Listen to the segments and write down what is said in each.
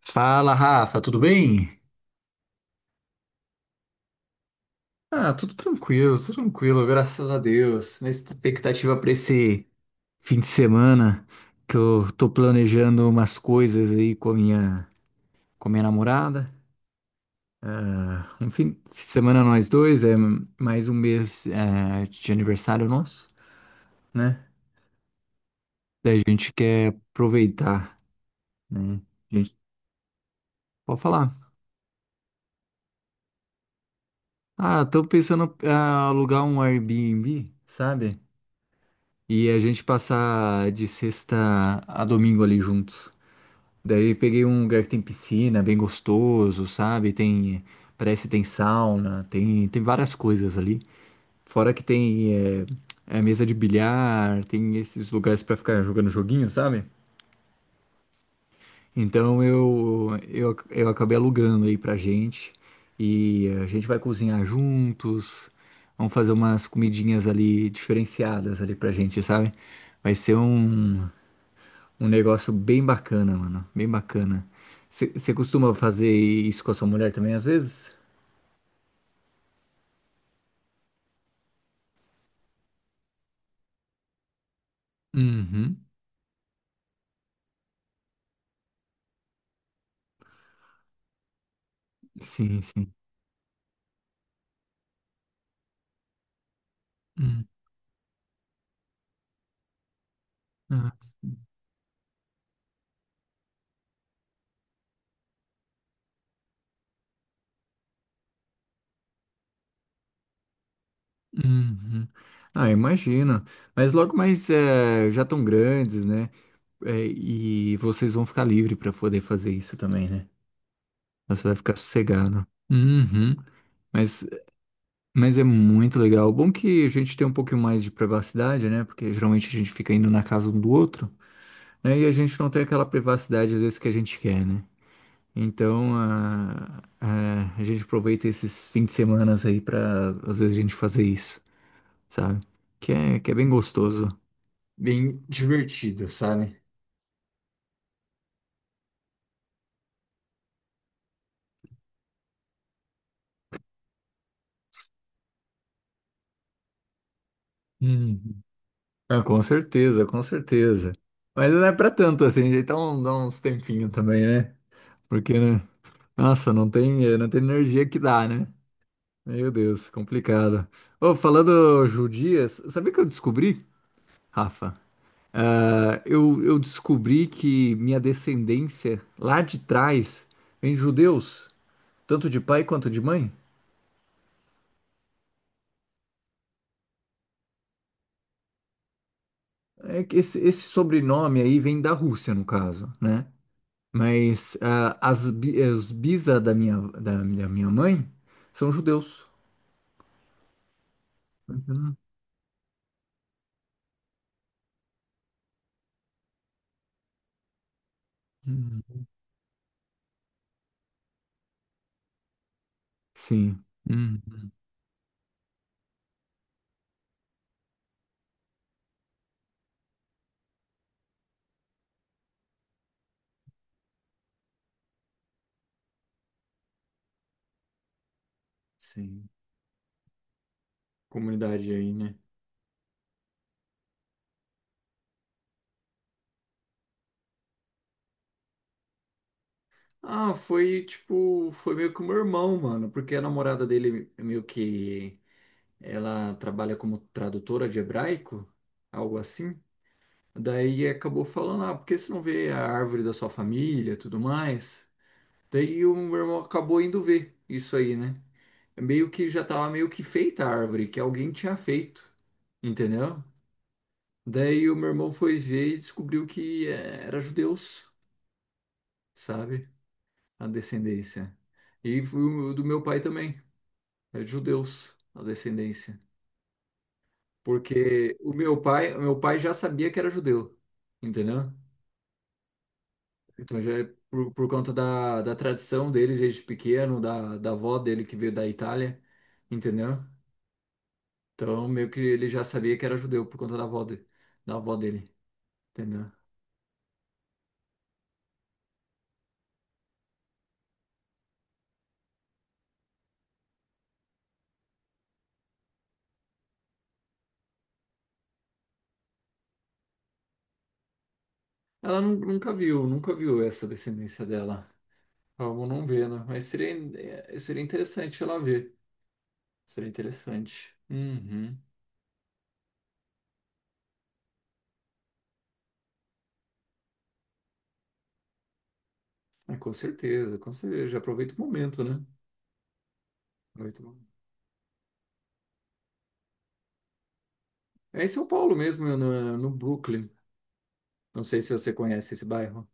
Fala, Rafa, tudo bem? Ah, tudo tranquilo, graças a Deus. Na expectativa para esse fim de semana, que eu tô planejando umas coisas aí com a minha namorada. Ah, um fim de semana nós dois, é mais um mês de aniversário nosso, né? Daí a gente quer aproveitar, né? A gente pode falar. Ah, tô pensando em alugar um Airbnb, sabe? E a gente passar de sexta a domingo ali juntos. Daí peguei um lugar que tem piscina, bem gostoso, sabe? Tem, parece que tem sauna, tem várias coisas ali. Fora que tem mesa de bilhar, tem esses lugares pra ficar jogando joguinho, sabe? Então eu acabei alugando aí pra gente e a gente vai cozinhar juntos, vamos fazer umas comidinhas ali diferenciadas ali pra gente, sabe? Vai ser um, um negócio bem bacana, mano. Bem bacana. Você costuma fazer isso com a sua mulher também, às vezes? Uhum. Sim, sim. Uhum. Ah, uhum. Ah, imagino. Mas logo mais já estão grandes, né? Eh, e vocês vão ficar livre para poder fazer isso também, né? Então você vai ficar sossegado. Uhum. Mas, mas é muito legal. Bom que a gente tem um pouquinho mais de privacidade, né? Porque geralmente a gente fica indo na casa um do outro, né? E a gente não tem aquela privacidade às vezes que a gente quer, né? Então a gente aproveita esses fins de semana aí pra às vezes a gente fazer isso, sabe? Que é bem gostoso, bem divertido, sabe? Uhum. Ah, com certeza, com certeza. Mas não é pra tanto assim, então dá uns tempinhos também, né? Porque, né? Nossa, não tem, não tem energia que dá, né? Meu Deus, complicado. Ô, falando judias, sabia que eu descobri, Rafa? Ah, eu descobri que minha descendência lá de trás vem de judeus, tanto de pai quanto de mãe. É que esse sobrenome aí vem da Rússia, no caso, né? Mas ah, as, bi- os bisa da minha mãe são judeus. Uhum. Uhum. Sim. Uhum. Sim. Comunidade aí, né? Ah, foi tipo, foi meio que o meu irmão, mano, porque a namorada dele meio que ela trabalha como tradutora de hebraico, algo assim. Daí acabou falando, ah, por que você não vê a árvore da sua família, e tudo mais? Daí o meu irmão acabou indo ver isso aí, né? Meio que já tava meio que feita a árvore, que alguém tinha feito, entendeu? Daí o meu irmão foi ver e descobriu que era judeus, sabe? A descendência. E foi o do meu pai também, é de judeus, a descendência. Porque o meu pai já sabia que era judeu, entendeu? Então já é por conta da, da tradição dele desde pequeno, da, da avó dele que veio da Itália, entendeu? Então meio que ele já sabia que era judeu por conta da avó, de, da avó dele, entendeu? Ela nu- nunca viu, nunca viu essa descendência dela. Vamos não ver, né? Mas seria, é, seria interessante ela ver. Seria interessante. Uhum. É, com certeza, com certeza. Já aproveita o momento, né? Aproveita é em São Paulo mesmo, no, no Brooklyn. Não sei se você conhece esse bairro.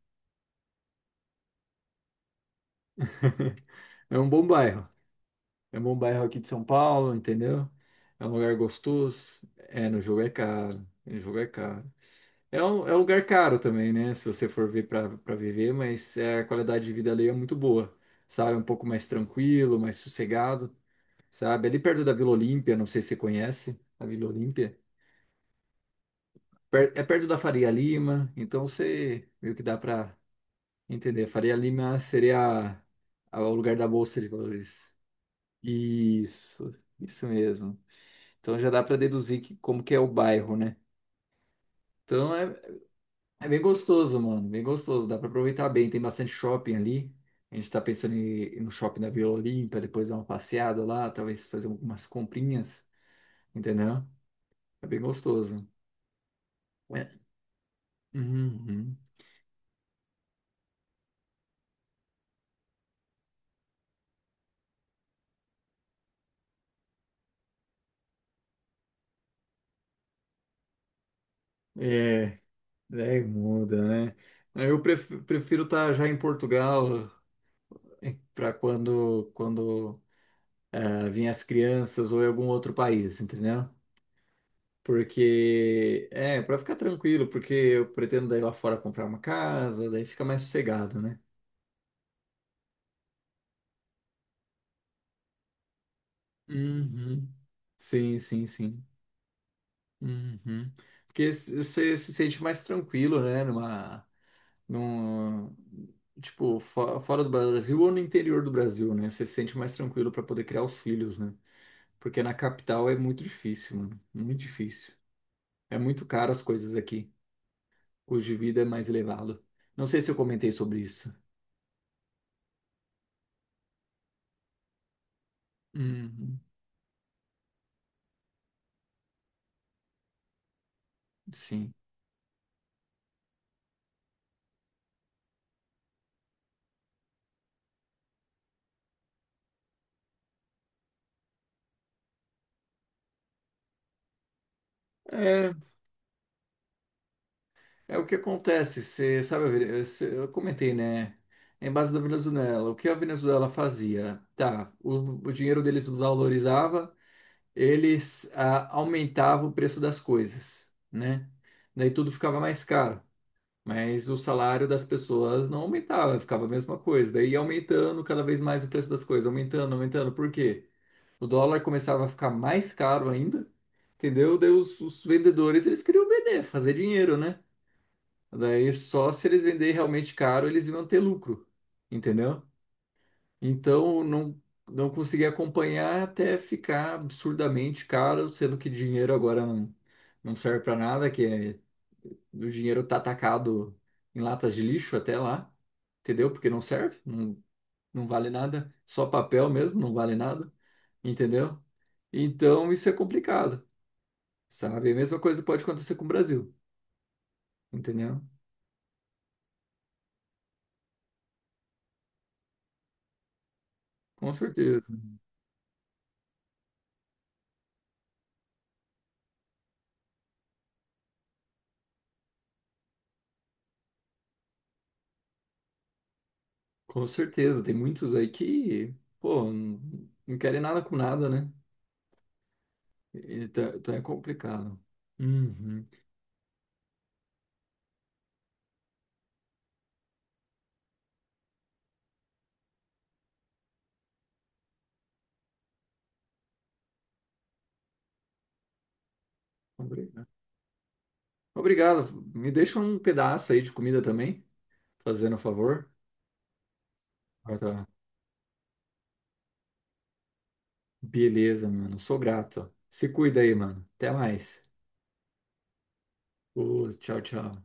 É um bom bairro. É um bom bairro aqui de São Paulo, entendeu? É um lugar gostoso. É, no jogo é caro. No jogo é caro. É um lugar caro também, né? Se você for ver para viver, mas é, a qualidade de vida ali é muito boa, sabe? Um pouco mais tranquilo, mais sossegado, sabe? Ali perto da Vila Olímpia, não sei se você conhece a Vila Olímpia. Per- é perto da Faria Lima, então você meio que dá para entender. A Faria Lima seria a- o lugar da Bolsa de Valores. Isso, isso mesmo. Então já dá para deduzir que, como que é o bairro, né? Então é, é bem gostoso, mano. Bem gostoso. Dá para aproveitar bem. Tem bastante shopping ali. A gente tá pensando em ir no shopping da Vila Olímpia, depois dar uma passeada lá, talvez fazer algumas comprinhas, entendeu? É bem gostoso. É, uhum. É, daí muda, né? Eu pref- prefiro estar já em Portugal, para quando ah, vinha as crianças ou em algum outro país, entendeu? Porque é para ficar tranquilo, porque eu pretendo daí lá fora comprar uma casa, daí fica mais sossegado, né? Uhum. Sim, sim, sim. Uhum. Porque se- você se sente mais tranquilo, né? Numa, num, tipo, fo- fora do Brasil ou no interior do Brasil, né? Você se sente mais tranquilo para poder criar os filhos, né? Porque na capital é muito difícil, mano. Muito difícil. É muito caro as coisas aqui. O custo de vida é mais elevado. Não sei se eu comentei sobre isso. Uhum, sim. É, é o que acontece. Você sabe, a Vene- cê- eu comentei, né? Em base da Venezuela, o que a Venezuela fazia? Tá, o dinheiro deles valorizava, eles ah, aumentavam o preço das coisas, né? Daí tudo ficava mais caro, mas o salário das pessoas não aumentava, ficava a mesma coisa. Daí ia aumentando cada vez mais o preço das coisas, aumentando, aumentando. Por quê? O dólar começava a ficar mais caro ainda, entendeu? Daí os vendedores, eles queriam vender, fazer dinheiro, né? Daí só se eles venderem realmente caro, eles iam ter lucro, entendeu? Então não, não consegui acompanhar até ficar absurdamente caro, sendo que dinheiro agora não, não serve para nada, que é, o dinheiro tá atacado em latas de lixo até lá, entendeu? Porque não serve, não, não vale nada, só papel mesmo, não vale nada, entendeu? Então isso é complicado, sabe? A mesma coisa pode acontecer com o Brasil, entendeu? Com certeza, com certeza. Tem muitos aí que, pô, não, não querem nada com nada, né? Então, então é complicado. Uhum. Obrigado. Obrigado. Me deixa um pedaço aí de comida também, fazendo um favor. Ah, tá. Beleza, mano. Sou grato. Se cuida aí, mano. Até mais. Ô, tchau, tchau.